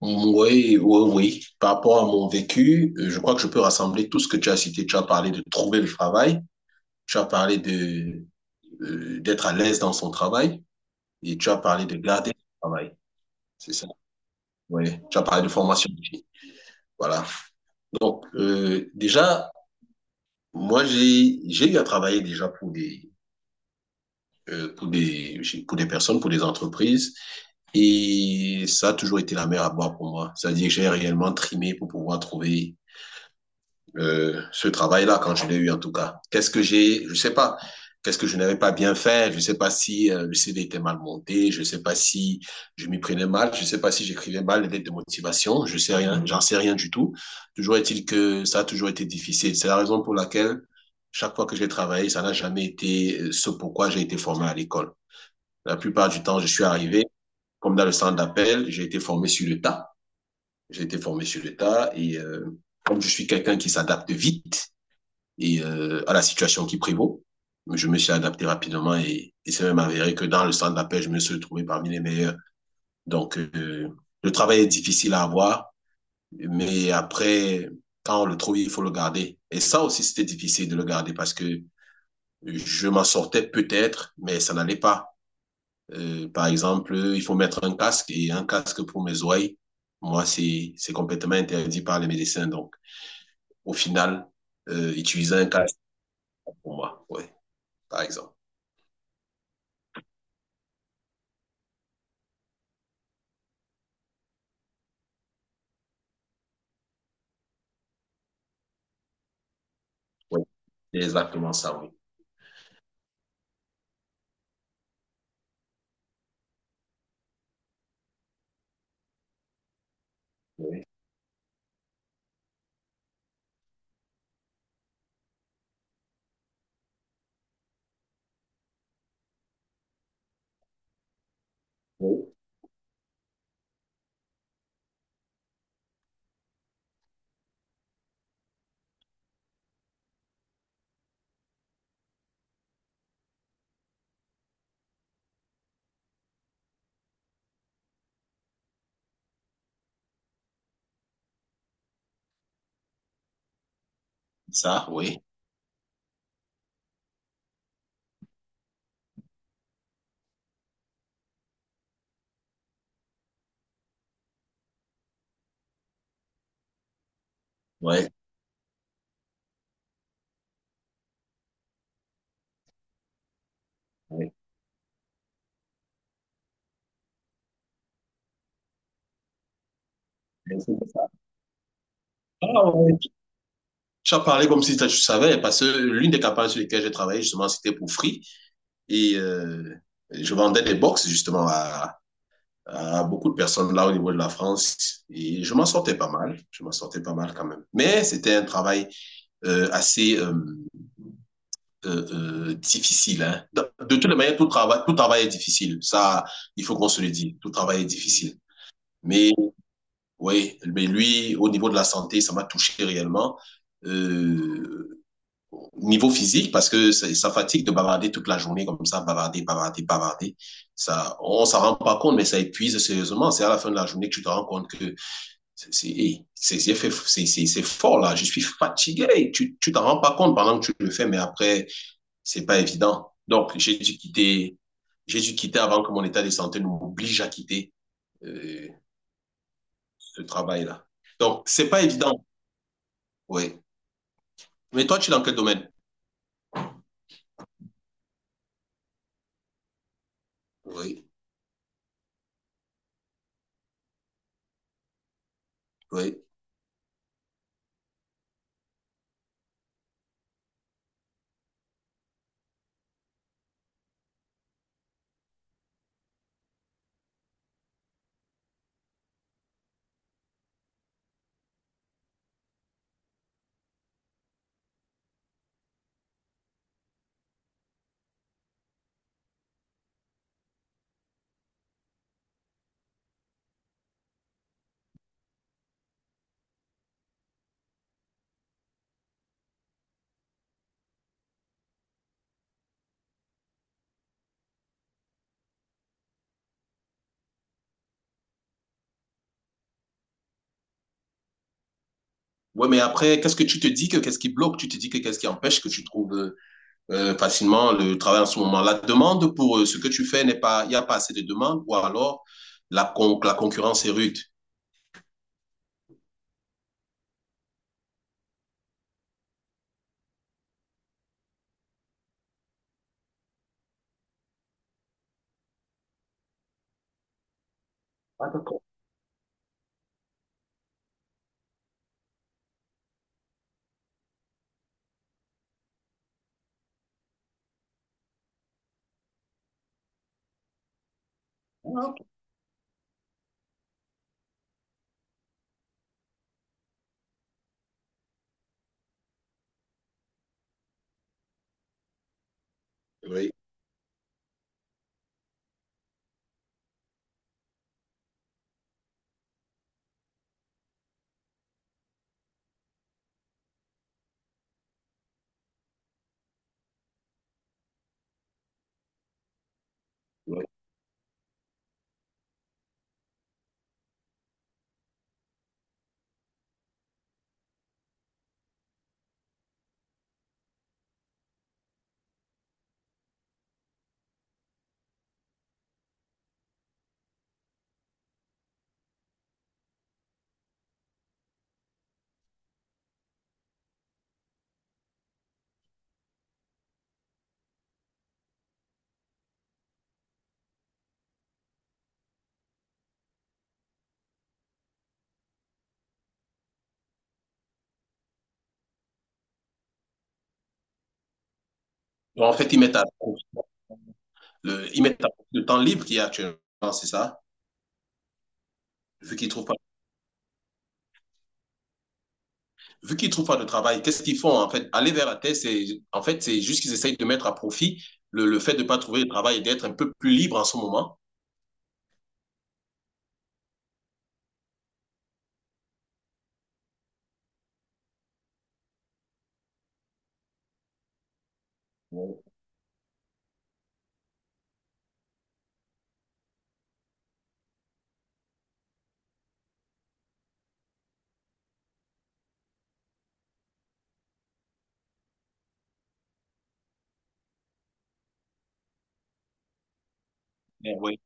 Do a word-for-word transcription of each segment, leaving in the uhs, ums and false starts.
Oui, oui, oui. Par rapport à mon vécu, euh, je crois que je peux rassembler tout ce que tu as cité. Tu as parlé de trouver le travail, tu as parlé de euh, d'être à l'aise dans son travail et tu as parlé de garder son travail. C'est ça. Oui. Tu as parlé de formation aussi. Voilà. Donc, euh, déjà, moi, j'ai j'ai eu à travailler déjà pour des euh, pour des pour des personnes, pour des entreprises et ça a toujours été la mer à boire pour moi. C'est-à-dire que j'ai réellement trimé pour pouvoir trouver euh, ce travail-là quand je l'ai eu en tout cas. Qu'est-ce que j'ai, je sais pas, qu'est-ce que je n'avais pas bien fait, je sais pas si euh, le C D était mal monté, je sais pas si je m'y prenais mal, je sais pas si j'écrivais mal les lettres de motivation, je sais rien, j'en sais rien du tout. Toujours est-il que ça a toujours été difficile. C'est la raison pour laquelle chaque fois que j'ai travaillé, ça n'a jamais été euh, ce pourquoi j'ai été formé à l'école. La plupart du temps, je suis arrivé comme dans le centre d'appel, j'ai été formé sur le tas. J'ai été formé sur le tas et euh, comme je suis quelqu'un qui s'adapte vite, et euh, à la situation qui prévaut. Je me suis adapté rapidement et, et c'est même avéré que dans le centre d'appel, je me suis trouvé parmi les meilleurs. Donc, euh, le travail est difficile à avoir, mais après, quand on le trouve, il faut le garder. Et ça aussi, c'était difficile de le garder parce que je m'en sortais peut-être, mais ça n'allait pas. Euh, par exemple, il faut mettre un casque et un casque pour mes oreilles. Moi, c'est c'est complètement interdit par les médecins. Donc, au final, euh, utiliser un casque pour moi, ouais, par exemple. Oui, c'est exactement ça, oui. Oui, oui, ça, oui. Ouais. Oui, oui. C'est ça. Ah, ouais. Tu as parlé comme si tu tu savais, parce que l'une des campagnes sur lesquelles j'ai travaillé, justement, c'était pour Free. Et euh, je vendais des box, justement, à, à beaucoup de personnes là au niveau de la France. Et je m'en sortais pas mal. Je m'en sortais pas mal quand même. Mais c'était un travail euh, assez euh, euh, euh, difficile. Hein. De, de toutes les manières, tout travail, tout travail est difficile. Ça, il faut qu'on se le dise. Tout travail est difficile. Mais Oui, mais lui, au niveau de la santé, ça m'a touché réellement. Euh, niveau physique, parce que ça, ça fatigue de bavarder toute la journée comme ça, bavarder, bavarder, bavarder. Ça, on s'en rend pas compte, mais ça épuise sérieusement. C'est à la fin de la journée que tu te rends compte que c'est c'est hey, c'est- c'est- fait- c'est- c'est c'est fort là. Je suis fatigué. Hey, Tu tu t'en rends pas compte pendant que tu le fais, mais après c'est pas évident. Donc j'ai dû quitter, j'ai dû quitter avant que mon état de santé ne m'oblige à quitter euh, ce travail là. Donc c'est pas évident. Oui. Mais toi, tu es dans quel domaine? Oui, oui. Ouais, mais après, qu'est-ce que tu te dis que qu'est-ce qui bloque? Tu te dis que qu'est-ce qui empêche que tu trouves euh, euh, facilement le travail en ce moment? La demande pour euh, ce que tu fais n'est pas, il n'y a pas assez de demande, ou alors la, con- la concurrence est rude. Ah, d'accord. Ah, ok. Oui, oui. Donc, en fait, ils mettent à, le, ils mettent à le temps libre qu'il y a actuellement, c'est ça? Vu qu'ils trouvent pas Vu qu'ils ne trouvent pas de travail, qu'est-ce qu'ils font en fait? Aller vers la terre, c'est en fait, c'est juste qu'ils essayent de mettre à profit le, le fait de ne pas trouver de travail et d'être un peu plus libre en ce moment. Oui.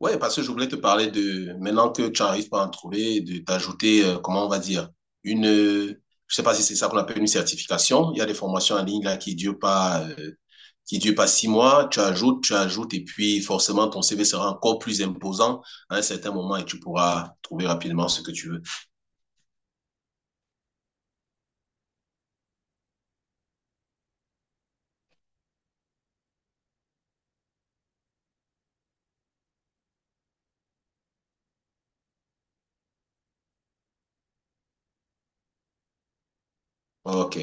Ouais, parce que je voulais te parler de, maintenant que tu n'arrives pas à en trouver, de t'ajouter, euh, comment on va dire, une, euh, je sais pas si c'est ça qu'on appelle une certification. Il y a des formations en ligne là qui durent pas, euh, qui durent pas six mois. Tu ajoutes, tu ajoutes, et puis forcément ton C V sera encore plus imposant à un certain moment et tu pourras trouver rapidement ce que tu veux. Ok.